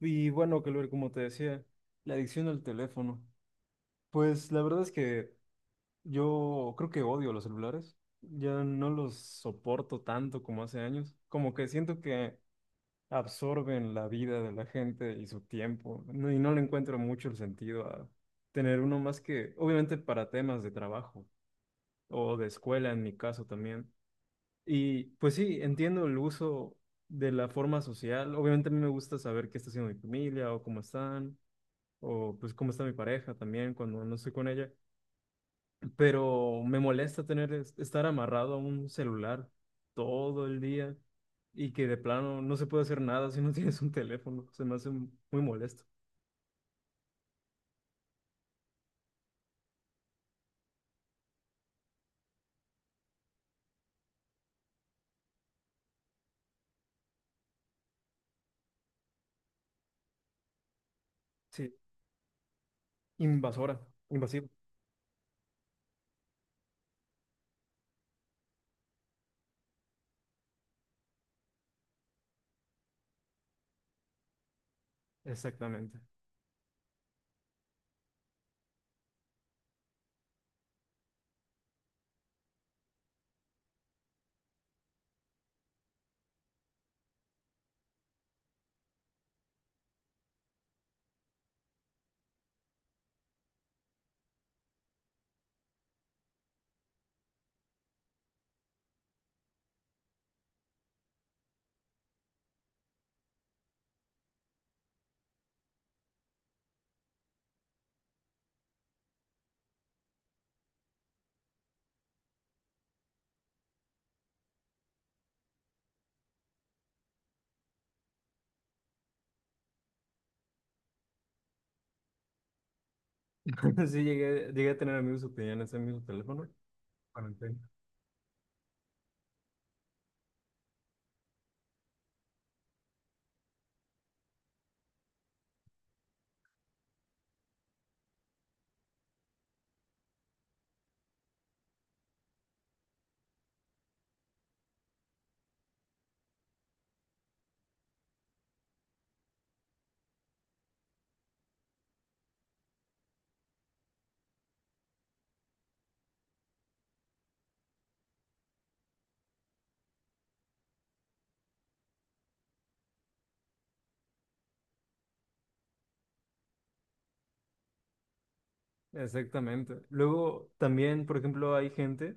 Y bueno, Calver, como te decía, la adicción al teléfono. Pues la verdad es que yo creo que odio los celulares. Ya no los soporto tanto como hace años. Como que siento que absorben la vida de la gente y su tiempo. Y no le encuentro mucho el sentido a tener uno más que, obviamente, para temas de trabajo o de escuela en mi caso también. Y pues sí, entiendo el uso de la forma social. Obviamente a mí me gusta saber qué está haciendo mi familia o cómo están, o pues cómo está mi pareja también cuando no estoy con ella, pero me molesta tener estar amarrado a un celular todo el día y que de plano no se puede hacer nada si no tienes un teléfono. Se me hace muy molesto. Sí, invasora, invasivo. Exactamente. Sí, llegué a tener amigos que tenían ese mismo teléfono. Bueno. Exactamente. Luego también, por ejemplo, hay gente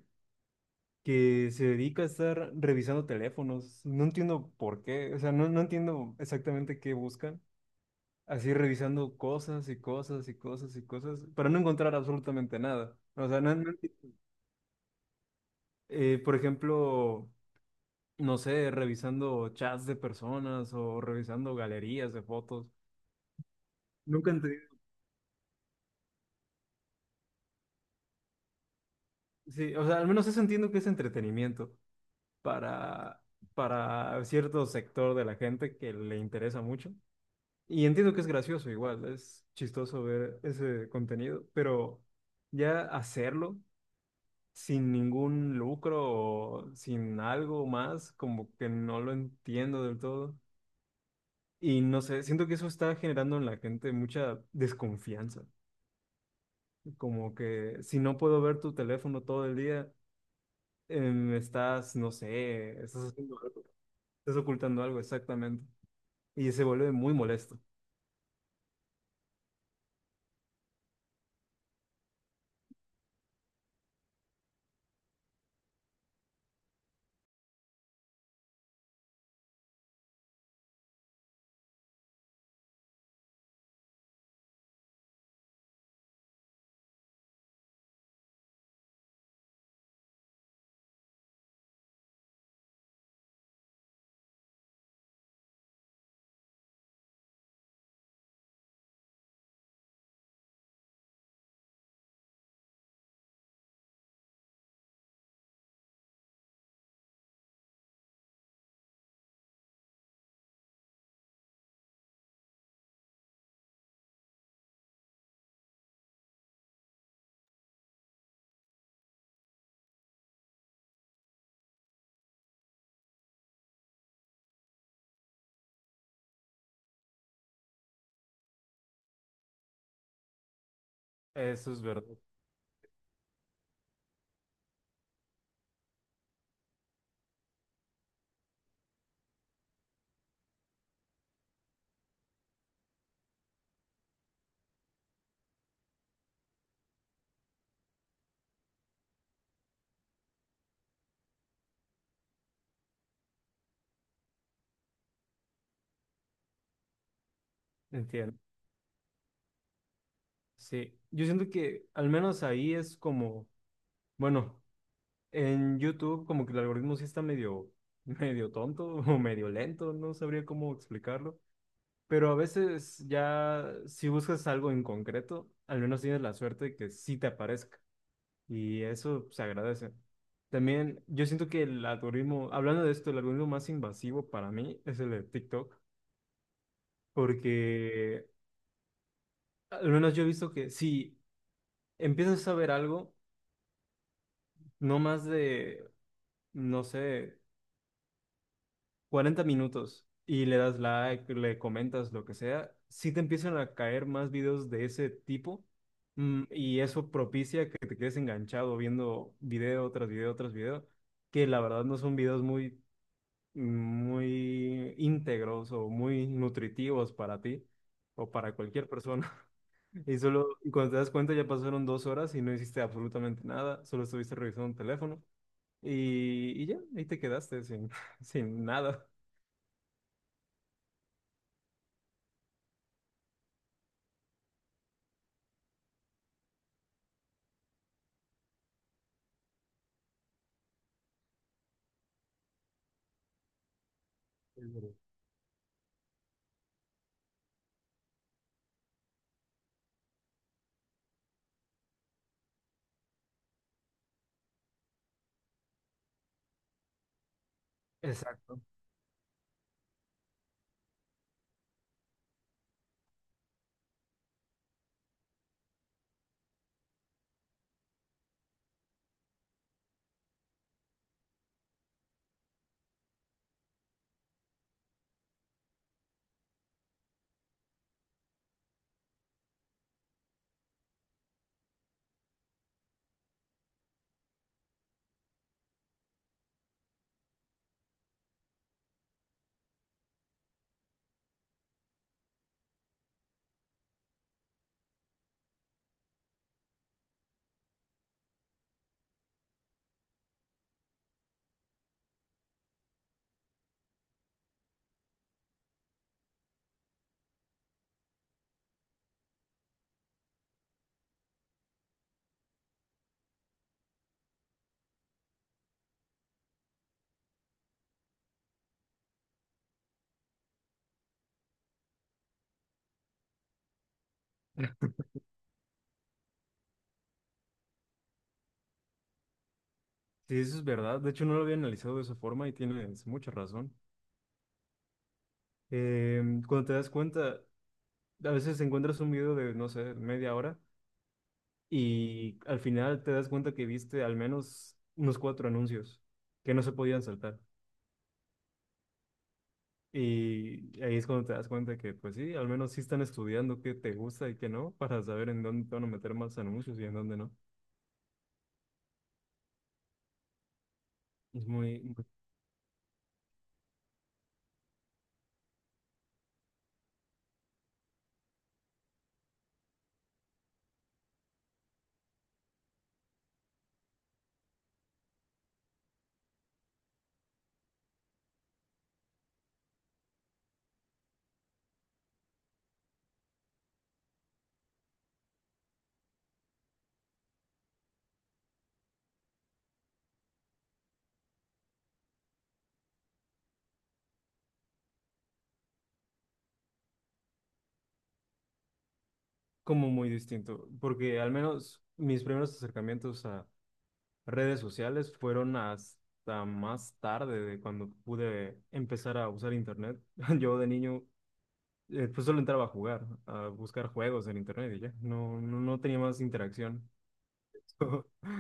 que se dedica a estar revisando teléfonos. No entiendo por qué, o sea, no, no entiendo exactamente qué buscan. Así revisando cosas y cosas y cosas y cosas para no encontrar absolutamente nada. O sea, no, no por ejemplo, no sé, revisando chats de personas o revisando galerías de fotos. Nunca entendí. Sí, o sea, al menos eso entiendo que es entretenimiento para, para cierto sector de la gente que le interesa mucho. Y entiendo que es gracioso igual, es chistoso ver ese contenido, pero ya hacerlo sin ningún lucro o sin algo más, como que no lo entiendo del todo. Y no sé, siento que eso está generando en la gente mucha desconfianza, como que si no puedo ver tu teléfono todo el día, estás, no sé, estás haciendo algo, estás ocultando algo, exactamente. Y se vuelve muy molesto. Eso es verdad, entiendo. Sí, yo siento que al menos ahí es como, bueno, en YouTube como que el algoritmo sí está medio tonto o medio lento, no sabría cómo explicarlo, pero a veces ya si buscas algo en concreto, al menos tienes la suerte de que sí te aparezca, y eso se agradece. También yo siento que el algoritmo, hablando de esto, el algoritmo más invasivo para mí es el de TikTok, porque al menos yo he visto que si empiezas a ver algo, no más de, no sé, 40 minutos, y le das like, le comentas lo que sea, sí te empiezan a caer más videos de ese tipo, y eso propicia que te quedes enganchado viendo video tras video tras video, que la verdad no son videos muy, muy íntegros o muy nutritivos para ti o para cualquier persona. Y cuando te das cuenta ya pasaron 2 horas y no hiciste absolutamente nada, solo estuviste revisando un teléfono, y ya, ahí te quedaste sin sin nada. Es verdad. Exacto. Sí, eso es verdad. De hecho, no lo había analizado de esa forma y tienes mucha razón. Cuando te das cuenta, a veces encuentras un video de, no sé, media hora, y al final te das cuenta que viste al menos unos cuatro anuncios que no se podían saltar. Y ahí es cuando te das cuenta que, pues sí, al menos sí están estudiando qué te gusta y qué no, para saber en dónde te van a meter más anuncios y en dónde no. Es muy, como muy distinto, porque al menos mis primeros acercamientos a redes sociales fueron hasta más tarde de cuando pude empezar a usar internet. Yo de niño, pues solo entraba a jugar, a buscar juegos en internet y ya. No, no, no tenía más interacción.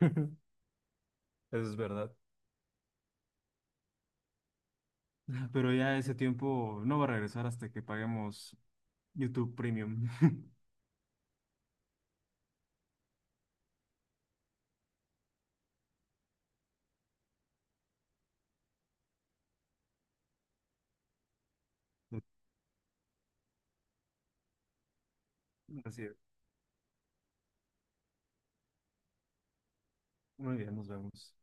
Eso es verdad. Pero ya ese tiempo no va a regresar hasta que paguemos YouTube Premium. Así es. Muy bien, nos vemos.